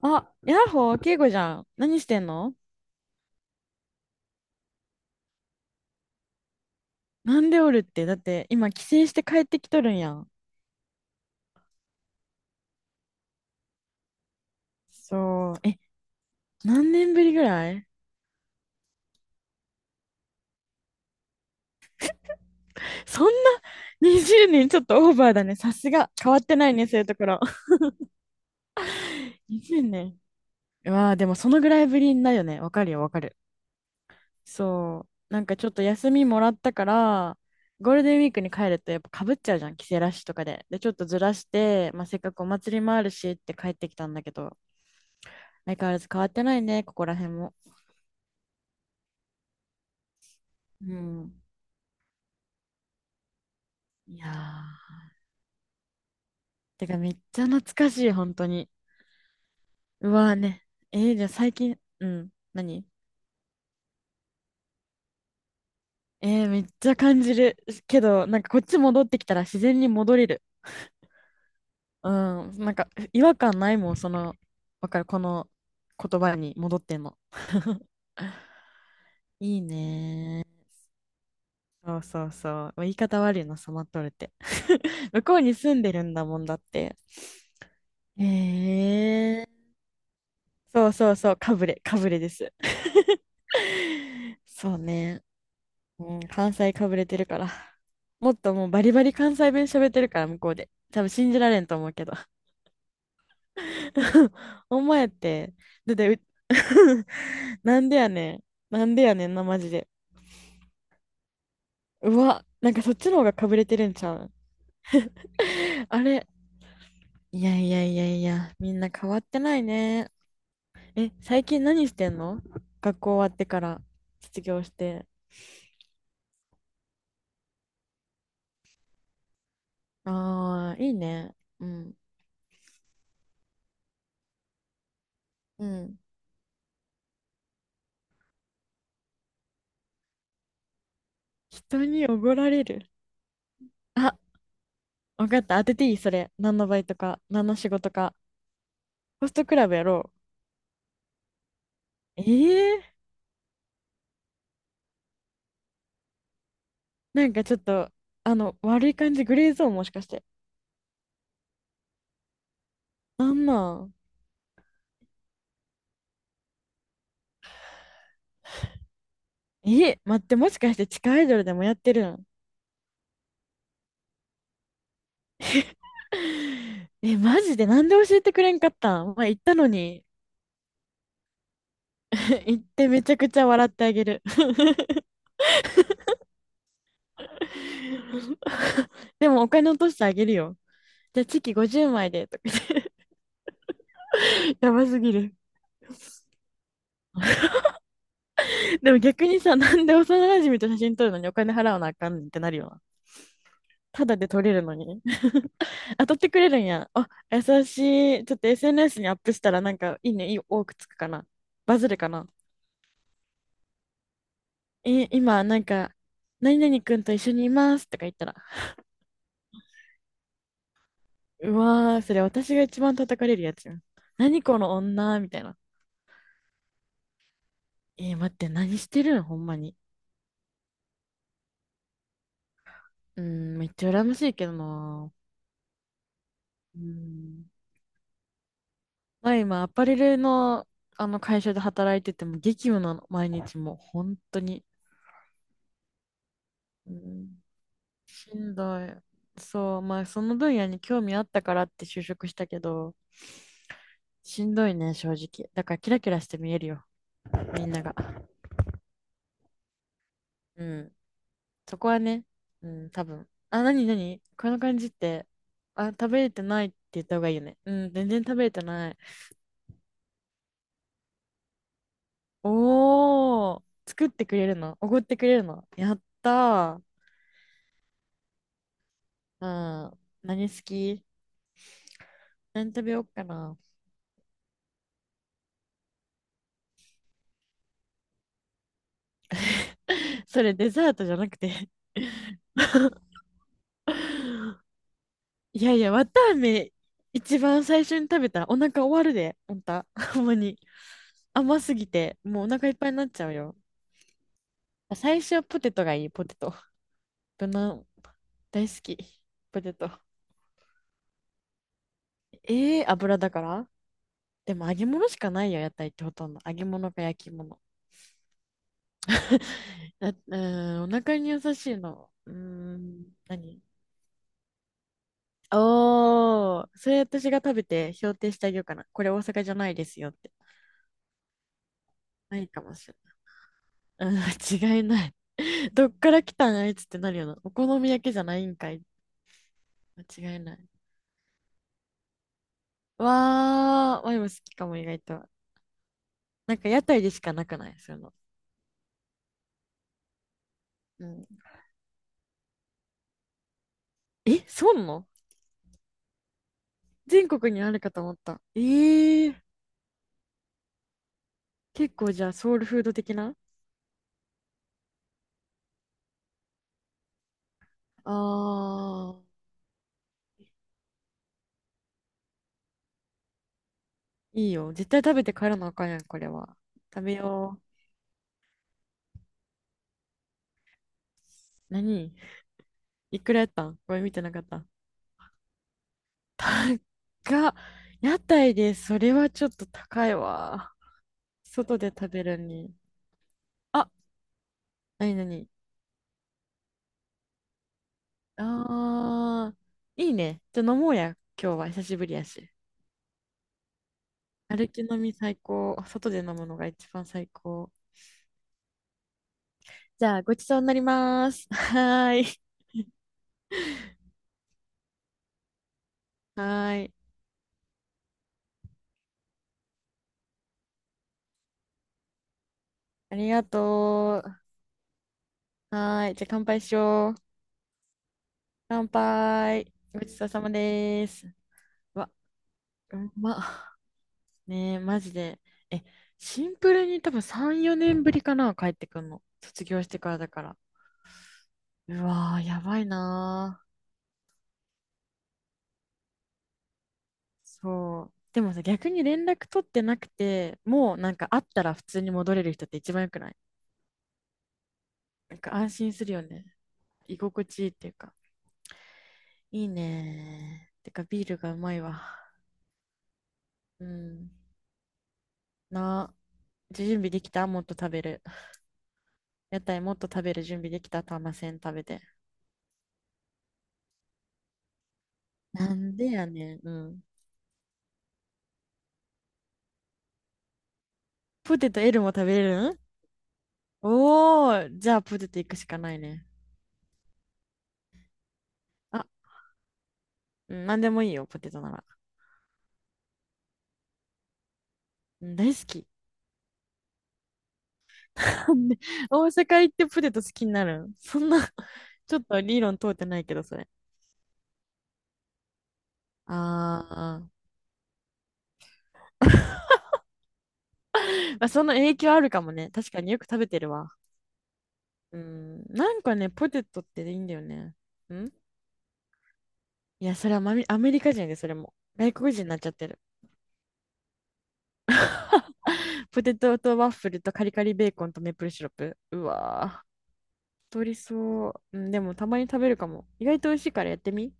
あ、ヤッホー、ケイコじゃん。何してんの？なんでおるって。だって、今、帰省して帰ってきとるんやん。そう。え、何年ぶりぐらい？そんな20年ちょっとオーバーだね。さすが。変わってないね、そういうところ。20年。うわあ、でもそのぐらいぶりだよね。わかるよ、わかる。そう。なんかちょっと休みもらったから、ゴールデンウィークに帰るとやっぱかぶっちゃうじゃん、帰省ラッシュとかで。で、ちょっとずらして、まあ、せっかくお祭りもあるしって帰ってきたんだけど、相変わらず変わってないね、ここら辺も。うん。いやー。てかめっちゃ懐かしい、本当に。うわーね。じゃあ最近、うん、何？めっちゃ感じるけど、なんかこっち戻ってきたら自然に戻れる。うん、なんか違和感ないもん、その、わかる、この言葉に戻っても。いいねー。そうそうそう。言い方悪いな、染まっとるって。向こうに住んでるんだもんだって。えー、そうそうそう、かぶれです。そうね。うん、関西かぶれてるから。もっともうバリバリ関西弁喋ってるから、向こうで。多分信じられんと思うけど。お前って、だってう なんでやねん。なんでやねんな、マジで。うわ、なんかそっちの方がかぶれてるんちゃう？ あれ。いやいやいやいや、みんな変わってないね。え、最近何してんの？学校終わってから、卒業して。ああ、いいね。うん。うん。人におごられる？あ、分かった。当てていい、それ。何のバイトか、何の仕事か。ホストクラブやろう？ええ、なんかちょっと、あの、悪い感じ、グレーゾーンもしかして。なんなん？え、待って、もしかして地下アイドルでもやってるん？ え、マジでなんで教えてくれんかったん？まあ、言ったのに。行ってめちゃくちゃ笑ってあげる。でもお金落としてあげるよ。じゃあチキ50枚でとか言って やばすぎる。でも逆にさ、なんで幼馴染と写真撮るのにお金払わなあかんねんってなるよ。ただで取れるのに。当たってくれるんや。あ、優しい。ちょっと SNS にアップしたら、なんかいいね、いい多くつくかな。バズるかな。え、今なんか、何々くんと一緒にいますとか言ったら、うわー、それ私が一番叩かれるやつやん。何この女みたいな。待って、何してるのほんまに。うーん、めっちゃ羨ましいけどな。うーん。まあ今、アパレルの、あの会社で働いてても激務なの、毎日もう、本当に。うん、しんどい。そう、まあその分野に興味あったからって就職したけど、しんどいね、正直。だからキラキラして見えるよ、みんなが。うん。そこはね、うん、多分。あ、なになにこの感じって、あ、食べれてないって言った方がいいよね。うん、全然食べれてない。おー、作ってくれるの？おごってくれるの？やったー。うん。何好き？何食べようかな。それデザートじゃなくて？ いやいや、わたあめ一番最初に食べたらお腹終わるで、あんた。ほんまに。甘すぎて、もうお腹いっぱいになっちゃうよ。最初はポテトがいい、ポテト。無難。大好き。ポテト。ええー、油だから。でも揚げ物しかないよ、屋台ってほとんど。揚げ物か焼き物。だうーん、お腹に優しいの。うーん、何？おー、それ私が食べて評定してあげようかな。これ大阪じゃないですよって。ないかもしれない。うん、間違いない。どっから来たんあいつってなるよな。お好み焼きじゃないんかい。間違いない。わー、ワイも好きかも、意外と。なんか屋台でしかなくない、そういうの。うん。え、そうなの？全国にあるかと思った。ー、結構じゃあソウルフード的な？あー、いいよ。絶対食べて帰らなあかんやん、これは。食べよう。何？いくらやったんこれ、見てなかった。高っ。屋台でそれはちょっと高いわ。外で食べるに。あ、なになに。あー、いいね。じゃあ飲もうや。今日は久しぶりやし。歩き飲み最高。外で飲むのが一番最高。じゃあ、ごちそうになります。はーい。はーい。ありがとう。はーい。じゃあ、乾杯しよう。乾杯。ごちそうさまです。うわ、うまねえ、マジで。え、シンプルに多分3、4年ぶりかな、帰ってくんの。卒業してからだから。うわー、やばいなー。そう。でもさ、逆に連絡取ってなくて、もうなんか会ったら普通に戻れる人って一番良くない？なんか安心するよね。居心地いいっていうか。いいねー。てかビールがうまいわ。うん。な、準備できた？もっと食べる。屋台もっと食べる準備できた？ターマセン食べて。なんでやねん。うん。ポテト L も食べれるん？おー、じゃあポテト行くしかないね。あ、うん、なんでもいいよ、ポテトなら。うん、大好き。なんで大阪行ってポテト好きになるん、そんな。ちょっと理論通ってないけど、それ。あー、まあ、その影響あるかもね。確かによく食べてるわ。うん、なんかね、ポテトっていいんだよね。んいや、それはマミ、アメリカ人で、それも。外国人になっちゃってる。ポテトとワッフルとカリカリベーコンとメープルシロップ。うわー、太りそう。うん、でもたまに食べるかも。意外と美味しいからやってみ。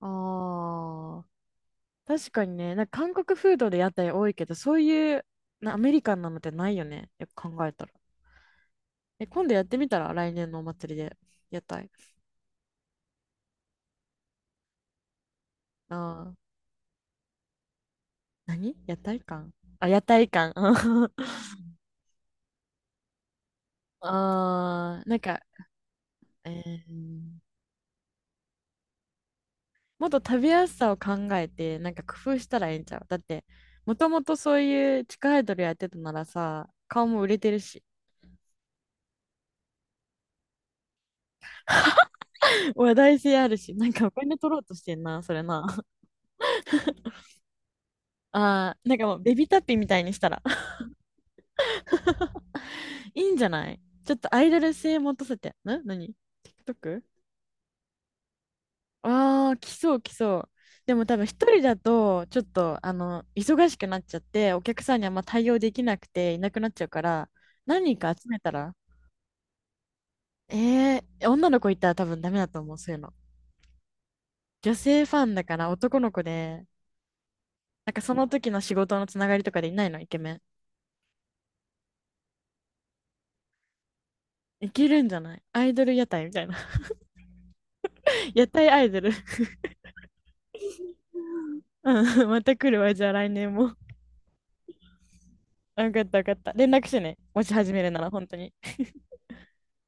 あー。確かにね、なんか韓国フードで屋台多いけど、そういうなアメリカンなのってないよね。よく考えたら。え、今度やってみたら？来年のお祭りで屋台。ああ、何屋台館？あ、屋台館。ああ、なんか、えーもっと食べやすさを考えて、なんか工夫したらいいんちゃう？だって、もともとそういう地下アイドルやってたならさ、顔も売れてるし、話題性あるし、なんかお金取ろうとしてんな、それな。ああ、なんかもうベビータッピーみたいにしたら。いいんじゃない？ちょっとアイドル性持たせて。な、何？ TikTok？ ああ、来そう来そう。でも多分一人だと、ちょっと、忙しくなっちゃって、お客さんにあんま対応できなくていなくなっちゃうから、何人か集めたら？女の子いたら多分ダメだと思う、そういうの。女性ファンだから男の子で、なんかその時の仕事のつながりとかでいないの、イケメン。いけるんじゃない？アイドル屋台みたいな。屋台アイドル。うん、また来るわ、じゃあ来年も。あ、よかったよかった。連絡してね。もし始めるなら、本当に。